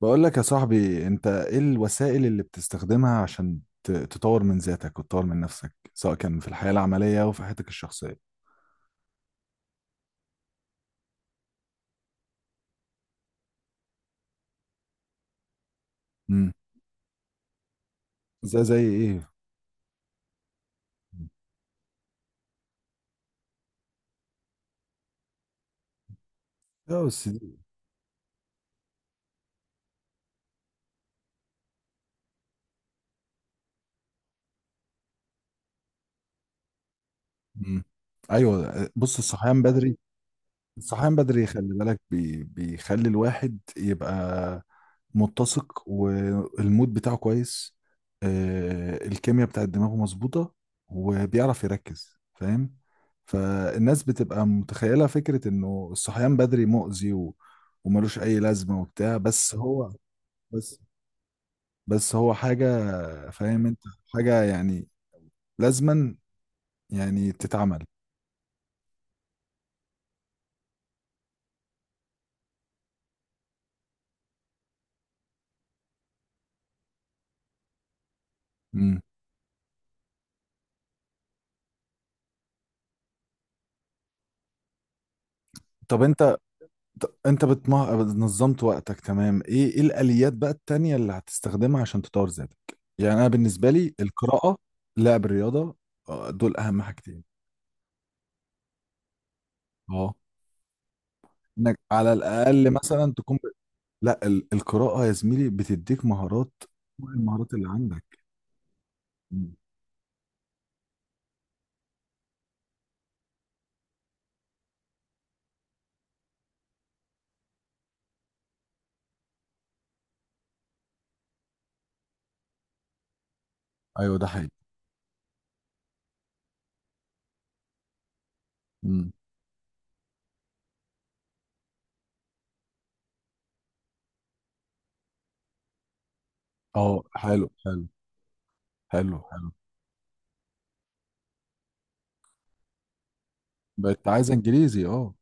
بقول لك يا صاحبي، انت ايه الوسائل اللي بتستخدمها عشان تطور من ذاتك وتطور من نفسك، سواء كان في الحياة العملية او في حياتك الشخصية؟ امم. زي ايه؟ يا بس دي. مم. ايوه، بص، الصحيان بدري. الصحيان بدري خلي بالك، بيخلي الواحد يبقى متسق، والمود بتاعه كويس. الكيمياء بتاعت دماغه مظبوطة، وبيعرف يركز، فاهم. فالناس بتبقى متخيلة فكرة انه الصحيان بدري مؤذي وملوش اي لازمة وبتاع، بس هو بس بس هو حاجة، فاهم انت، حاجة يعني لازما يعني تتعمل. مم. طب انت، انت نظمت وقتك تمام. ايه الاليات بقى التانية اللي هتستخدمها عشان تطور ذاتك؟ يعني انا بالنسبة لي القراءة، لعب الرياضة، دول اهم حاجتين. اه، انك على الاقل مثلا تكون لا، القراءة يا زميلي بتديك مهارات فوق المهارات اللي عندك. مم. ايوه ده حقيقي. مم. اه حلو حلو، حلو حلو. بقيت عايز انجليزي، اه.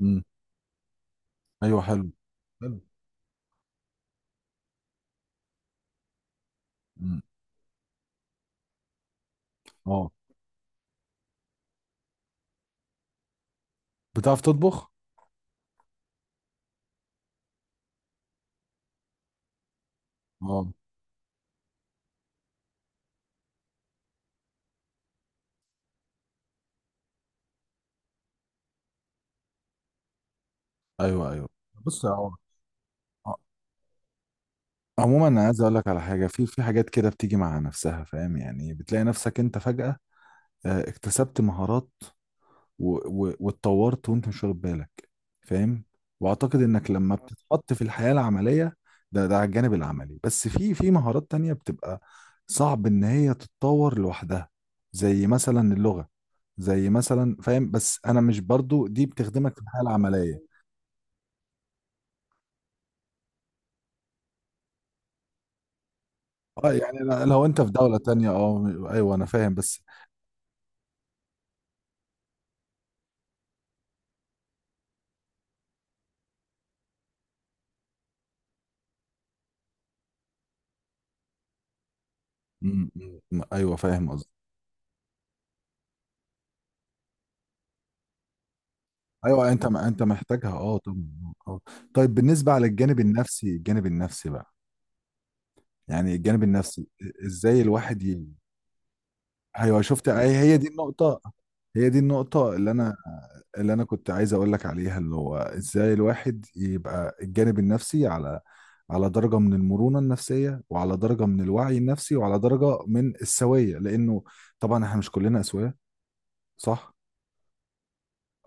مم. ايوه حلو حلو. مم. اه. بتعرف تطبخ؟ اه. ايوه ايوه، بص اه. عموما انا عايز اقول لك على حاجه، في حاجات كده بتيجي مع نفسها، فاهم، يعني بتلاقي نفسك انت فجاه اكتسبت مهارات واتطورت وانت مش واخد بالك، فاهم. واعتقد انك لما بتتحط في الحياه العمليه، ده على الجانب العملي، بس في مهارات تانية بتبقى صعب ان هي تتطور لوحدها، زي مثلا اللغه، زي مثلا، فاهم. بس انا مش، برضو دي بتخدمك في الحياه العمليه، اه يعني. لو انت في دولة تانية، اه. ايوه انا فاهم، بس. مم، مم، ايوه فاهم قصدي. ايوه، انت ما انت محتاجها، اه طبعا. اه. آه. طيب بالنسبه على الجانب النفسي، الجانب النفسي بقى، يعني الجانب النفسي، ازاي الواحد ايوه شفت، هي دي النقطه، هي دي النقطه اللي انا كنت عايز اقول لك عليها، اللي هو ازاي الواحد يبقى الجانب النفسي على درجه من المرونه النفسيه، وعلى درجه من الوعي النفسي، وعلى درجه من السويه، لانه طبعا احنا مش كلنا اسويه، صح.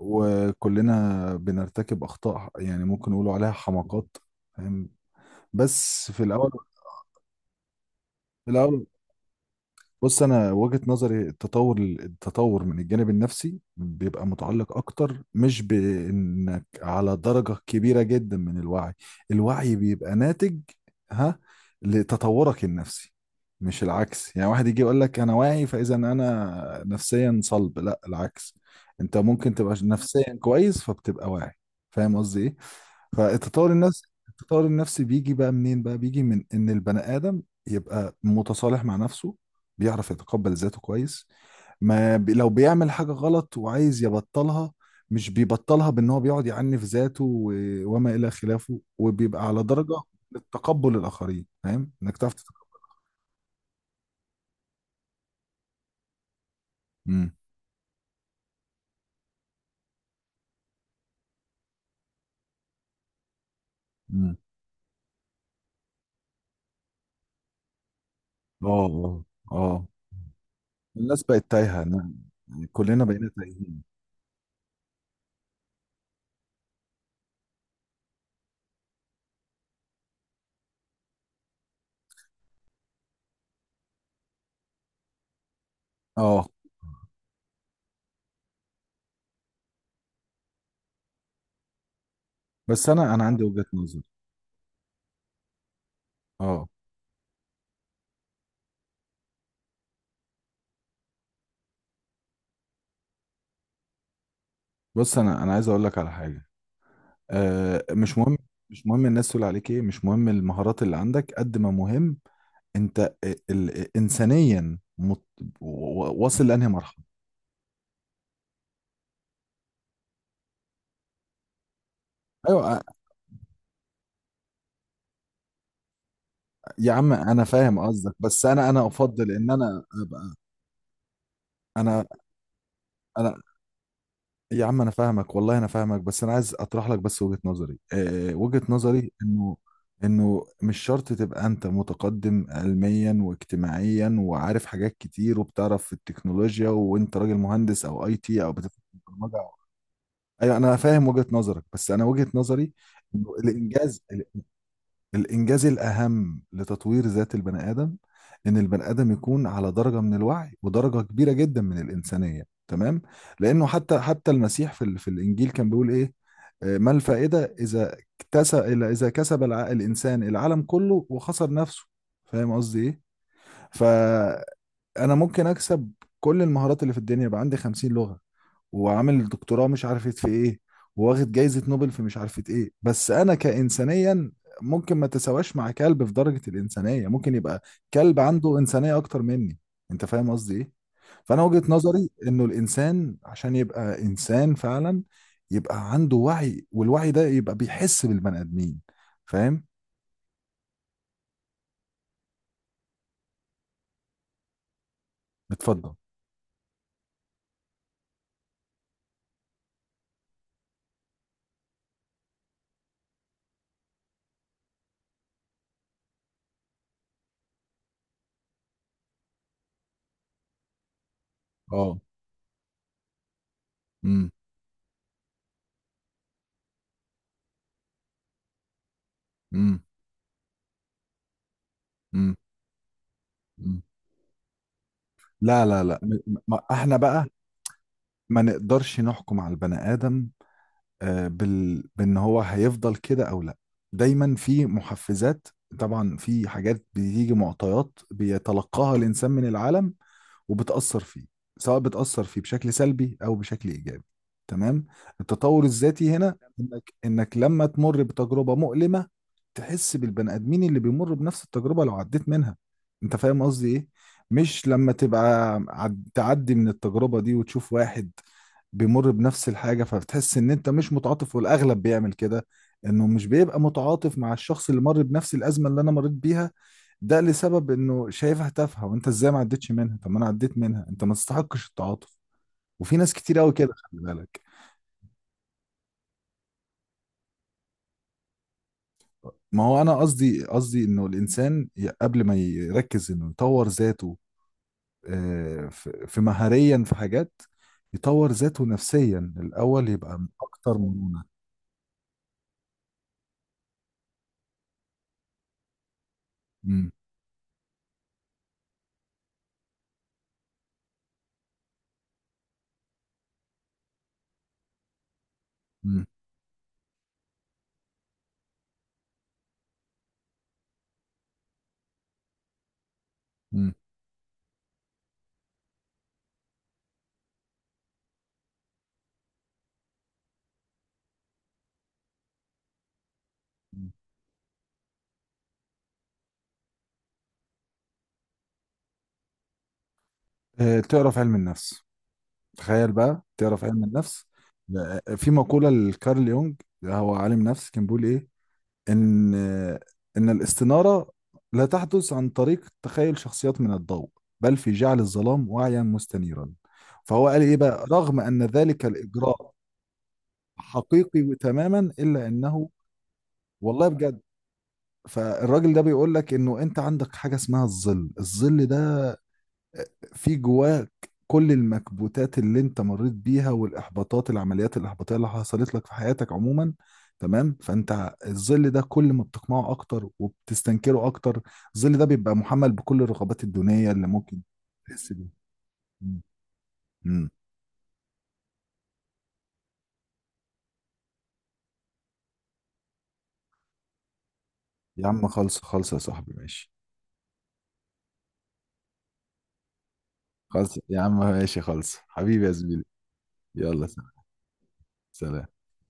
وكلنا بنرتكب اخطاء، يعني ممكن نقولوا عليها حماقات، فاهم. بس في الاول بص، انا وجهة نظري التطور، التطور من الجانب النفسي بيبقى متعلق اكتر، مش بانك على درجة كبيرة جدا من الوعي. الوعي بيبقى ناتج، ها، لتطورك النفسي، مش العكس. يعني واحد يجي يقول لك انا واعي، فاذا انا نفسيا صلب، لا، العكس. انت ممكن تبقى نفسيا كويس فبتبقى واعي، فاهم قصدي ايه. فالتطور النفسي، التطور النفسي بيجي بقى منين بقى؟ بيجي من ان البني ادم يبقى متصالح مع نفسه، بيعرف يتقبل ذاته كويس، ما لو بيعمل حاجة غلط وعايز يبطلها، مش بيبطلها بان هو بيقعد يعنف ذاته وما الى خلافه، وبيبقى على درجة من التقبل الاخرين، فاهم انك تعرف تتقبل. امم. امم. اه. اه. اه. الناس بقت تايهة، كلنا بقينا تايهين. اه. بس انا عندي وجهة نظر. اه، بص، انا عايز اقول لك على حاجة، مش مهم. مش مهم الناس تقول عليك ايه، مش مهم المهارات اللي عندك، قد ما مهم انت انسانيا واصل لانهي مرحله. ايوه. يا عم انا فاهم قصدك، بس انا افضل ان انا ابقى، انا انا يا عم، انا فاهمك، والله انا فاهمك، بس انا عايز اطرح لك بس وجهه نظري، وجهه نظري انه مش شرط تبقى انت متقدم علميا واجتماعيا، وعارف حاجات كتير، وبتعرف في التكنولوجيا، وانت راجل مهندس او اي تي او بتفهم. ايوه انا فاهم وجهة نظرك، بس انا وجهة نظري انه الانجاز، الانجاز الاهم لتطوير ذات البني ادم، ان البني ادم يكون على درجة من الوعي ودرجة كبيرة جدا من الانسانية، تمام. لانه حتى المسيح في الانجيل كان بيقول ايه، ما الفائدة اذا كسب الانسان العالم كله وخسر نفسه، فاهم قصدي ايه. فانا ممكن اكسب كل المهارات اللي في الدنيا، يبقى عندي 50 لغة، وعامل دكتوراه مش عارفة في ايه، وواخد جايزة نوبل في مش عارفة ايه، بس انا كإنسانيا ممكن ما تساواش مع كلب في درجة الإنسانية، ممكن يبقى كلب عنده إنسانية أكتر مني، انت فاهم قصدي ايه. فأنا وجهة نظري انه الإنسان عشان يبقى إنسان فعلا، يبقى عنده وعي، والوعي ده يبقى بيحس بالبني آدمين، فاهم. اتفضل. اه. امم. امم. امم. أمم. لا لا لا، احنا بقى ما نقدرش نحكم على البني آدم، بان هو هيفضل كده او لا، دايما في محفزات، طبعا في حاجات بتيجي، معطيات بيتلقاها الانسان من العالم وبتأثر فيه، سواء بتأثر فيه بشكل سلبي أو بشكل إيجابي، تمام. التطور الذاتي هنا، إنك لما تمر بتجربة مؤلمة، تحس بالبني آدمين اللي بيمر بنفس التجربة، لو عديت منها. أنت فاهم قصدي إيه؟ مش لما تبقى تعدي من التجربة دي وتشوف واحد بيمر بنفس الحاجة فبتحس ان انت مش متعاطف، والاغلب بيعمل كده، انه مش بيبقى متعاطف مع الشخص اللي مر بنفس الازمة اللي انا مريت بيها، ده لسبب انه شايفها تافهه، وانت ازاي ما عدتش منها، طب ما انا عديت منها، انت ما تستحقش التعاطف. وفي ناس كتير قوي كده، خلي بالك. ما هو انا قصدي انه الانسان قبل ما يركز انه يطور ذاته، في مهاريا، في حاجات يطور ذاته نفسيا الاول، يبقى اكتر مرونه. مم، مم، مم. مم. تعرف علم النفس، تخيل بقى، تعرف علم النفس. في مقوله لكارل يونج، هو عالم نفس، كان بيقول ايه، إن إن الاستنارة لا تحدث عن طريق تخيل شخصيات من الضوء، بل في جعل الظلام واعيا مستنيرا. فهو قال إيه بقى، رغم أن ذلك الإجراء حقيقي تماما إلا أنه، والله بجد. فالراجل ده بيقول لك إنه أنت عندك حاجة اسمها الظل، الظل ده في جواك، كل المكبوتات اللي انت مريت بيها، والاحباطات العمليات الاحباطيه اللي حصلت لك في حياتك عموما، تمام. فانت الظل ده كل ما بتقمعه اكتر وبتستنكره اكتر، الظل ده بيبقى محمل بكل الرغبات الدونيه اللي ممكن تحس بيها. مم. مم. يا عم خلص خلص يا صاحبي ماشي، خلص يا عم ماشي، خلص حبيبي يا زميلي، يلا سلام. سلام.